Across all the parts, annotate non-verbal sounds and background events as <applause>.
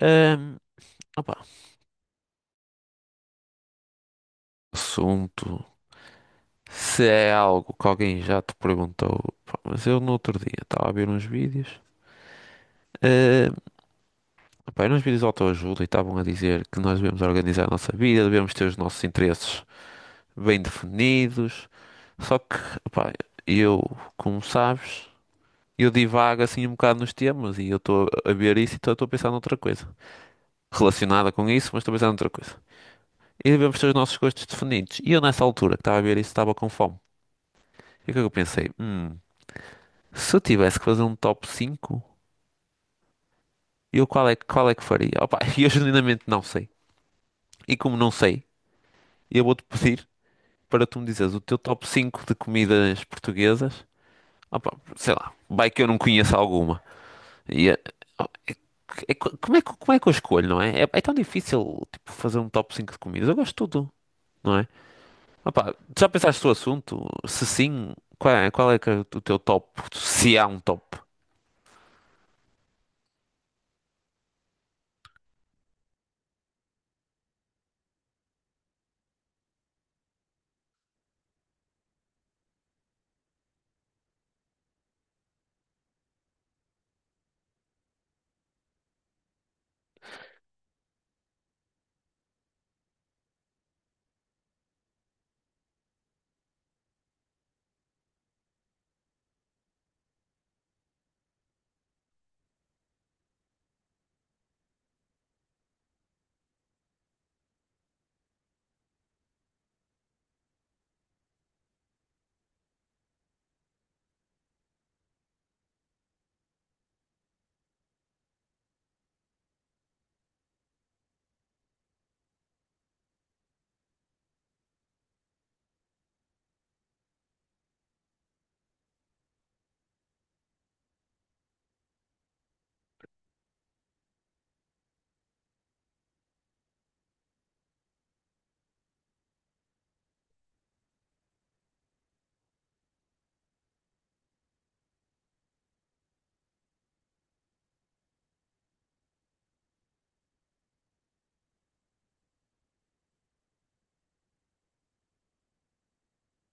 Ahm, opá, assunto. Se é algo que alguém já te perguntou, pá, mas eu no outro dia estava a ver uns vídeos, ahm, opá, eram uns vídeos de autoajuda e estavam a dizer que nós devemos organizar a nossa vida, devemos ter os nossos interesses bem definidos. Só que, opá, eu, como sabes, eu divago assim um bocado nos temas e eu estou a ver isso e estou a pensar noutra coisa relacionada com isso, mas estou a pensar noutra coisa. E devemos ter os nossos gostos definidos. E eu, nessa altura que estava a ver isso, estava com fome. E o que é que eu pensei? Hum. Se eu tivesse que fazer um top 5, eu qual é, qual é que faria? Opa, <laughs> eu genuinamente não sei. E como não sei, eu vou-te pedir para tu me dizeres o teu top 5 de comidas portuguesas. Opa, sei lá, vai que eu não conheço alguma. E, eh, oh, é- como é, como é que eu escolho, não é? É tão difícil, tipo, fazer um top 5 de comidas. Eu gosto de tudo, não é? Opa, já pensaste no assunto? Se sim, qual é que é o teu top? Se há um top?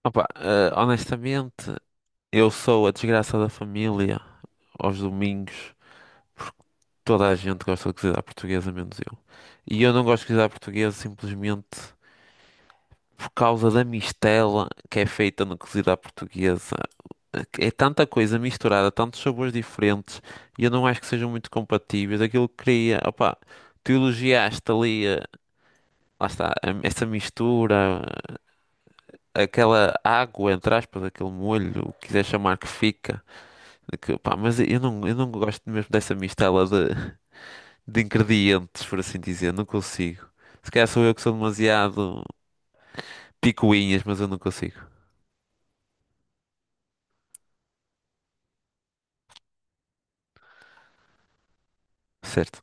Opa, honestamente, eu sou a desgraça da família. Aos domingos, toda a gente gosta de cozinhar portuguesa, menos eu. E eu não gosto de cozinhar portuguesa simplesmente por causa da mistela que é feita na cozida à portuguesa. É tanta coisa misturada, tantos sabores diferentes, e eu não acho que sejam muito compatíveis. Aquilo que queria, opá, tu elogiaste ali, lá está, essa mistura, aquela água, entre aspas, aquele molho, o que quiser chamar que fica. Que, pá, mas eu não gosto mesmo dessa mistela de ingredientes, por assim dizer. Não consigo. Se calhar sou eu que sou demasiado picuinhas, mas eu não consigo. Certo.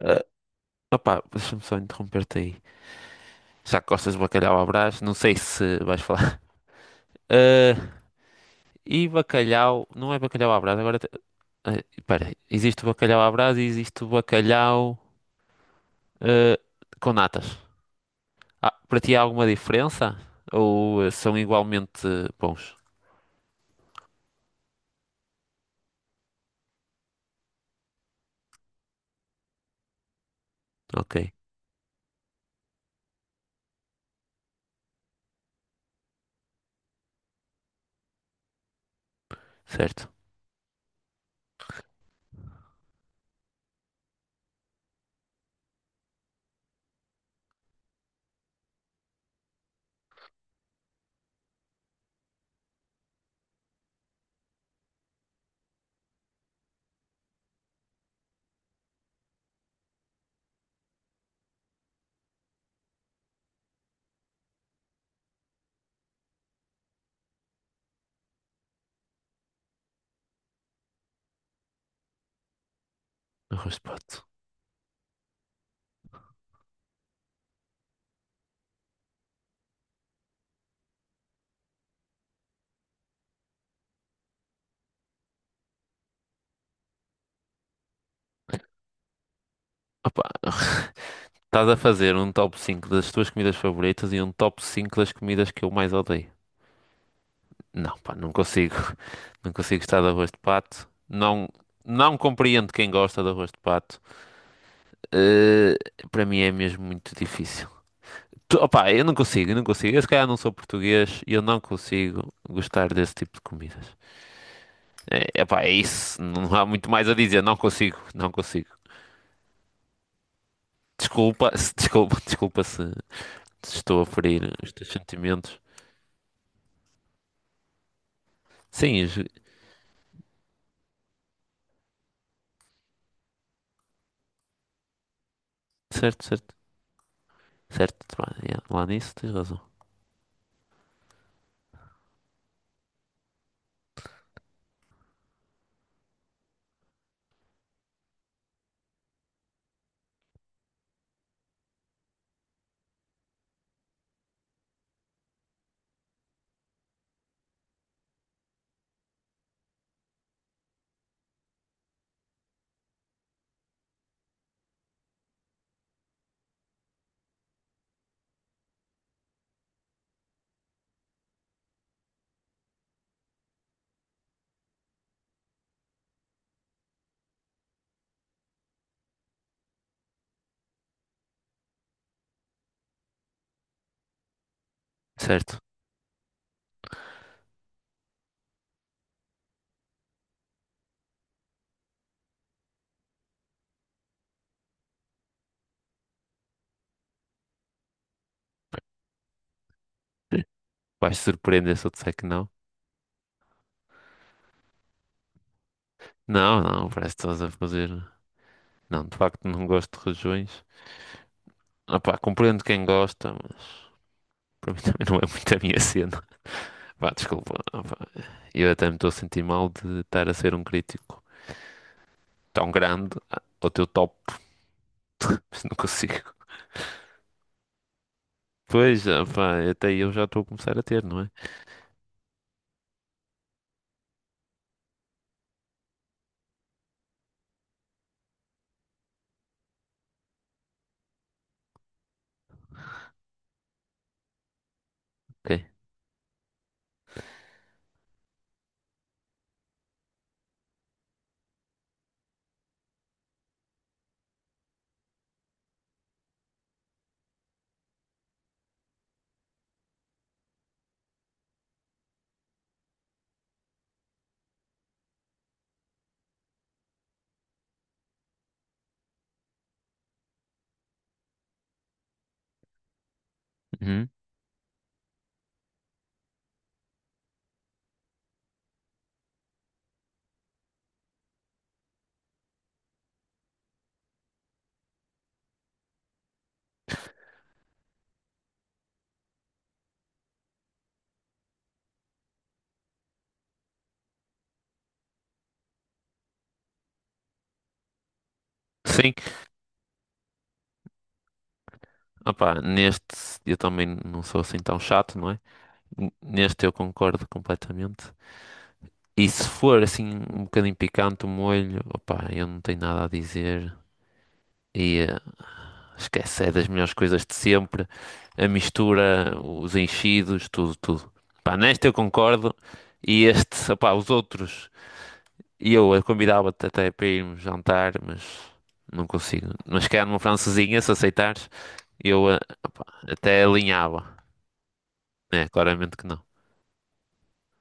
Ah, opá, deixa-me só interromper-te aí. Já que gostas de bacalhau à Brás? Não sei se vais falar. <laughs> Ah, e bacalhau, não é bacalhau à Brás, agora... espera, existe o bacalhau à Brás e existe o bacalhau ah, com natas. Ah, para ti há alguma diferença? Ou são igualmente bons? Ok. Certo, arroz de pato. Opa, estás a fazer um top 5 das tuas comidas favoritas e um top 5 das comidas que eu mais odeio. Não, pá, não consigo. <laughs> Não consigo gostar de arroz de pato. Não, não compreendo quem gosta de arroz de pato. Eh, para mim é mesmo muito difícil. Opa, eu não consigo. Eu se calhar não sou português e eu não consigo gostar desse tipo de comidas. É, epá, é isso. Não há muito mais a dizer. Não consigo. Desculpa, <laughs> desculpa se, se estou a ferir os teus sentimentos. Sim, certo, certo. Pá, yeah, lá nisso tens razão. Certo. Vais te surpreender se eu disser que não. Não, não, parece que estás a fazer. Não, de facto não gosto de regiões. Ah, pá, compreendo quem gosta, mas para mim <laughs> também não é muito a minha cena. Vá, desculpa. Ah, pá, eu até me estou a sentir mal de estar a ser um crítico tão grande ao teu top, <laughs> mas não consigo. Pois, ah, pá, até eu já estou a começar a ter, não é? Ok. Uhum. Sim, opá, neste eu também não sou assim tão chato, não é? Neste eu concordo completamente. E se for assim um bocadinho picante o molho, opá, eu não tenho nada a dizer. E esquece, é das melhores coisas de sempre. A mistura, os enchidos, tudo, tudo. Pá, neste eu concordo. E este, opá, os outros, e eu a convidava-te até para irmos jantar, mas não consigo. Mas se calhar numa francesinha, se aceitares, eu eh, opá, até alinhava. É, claramente que não.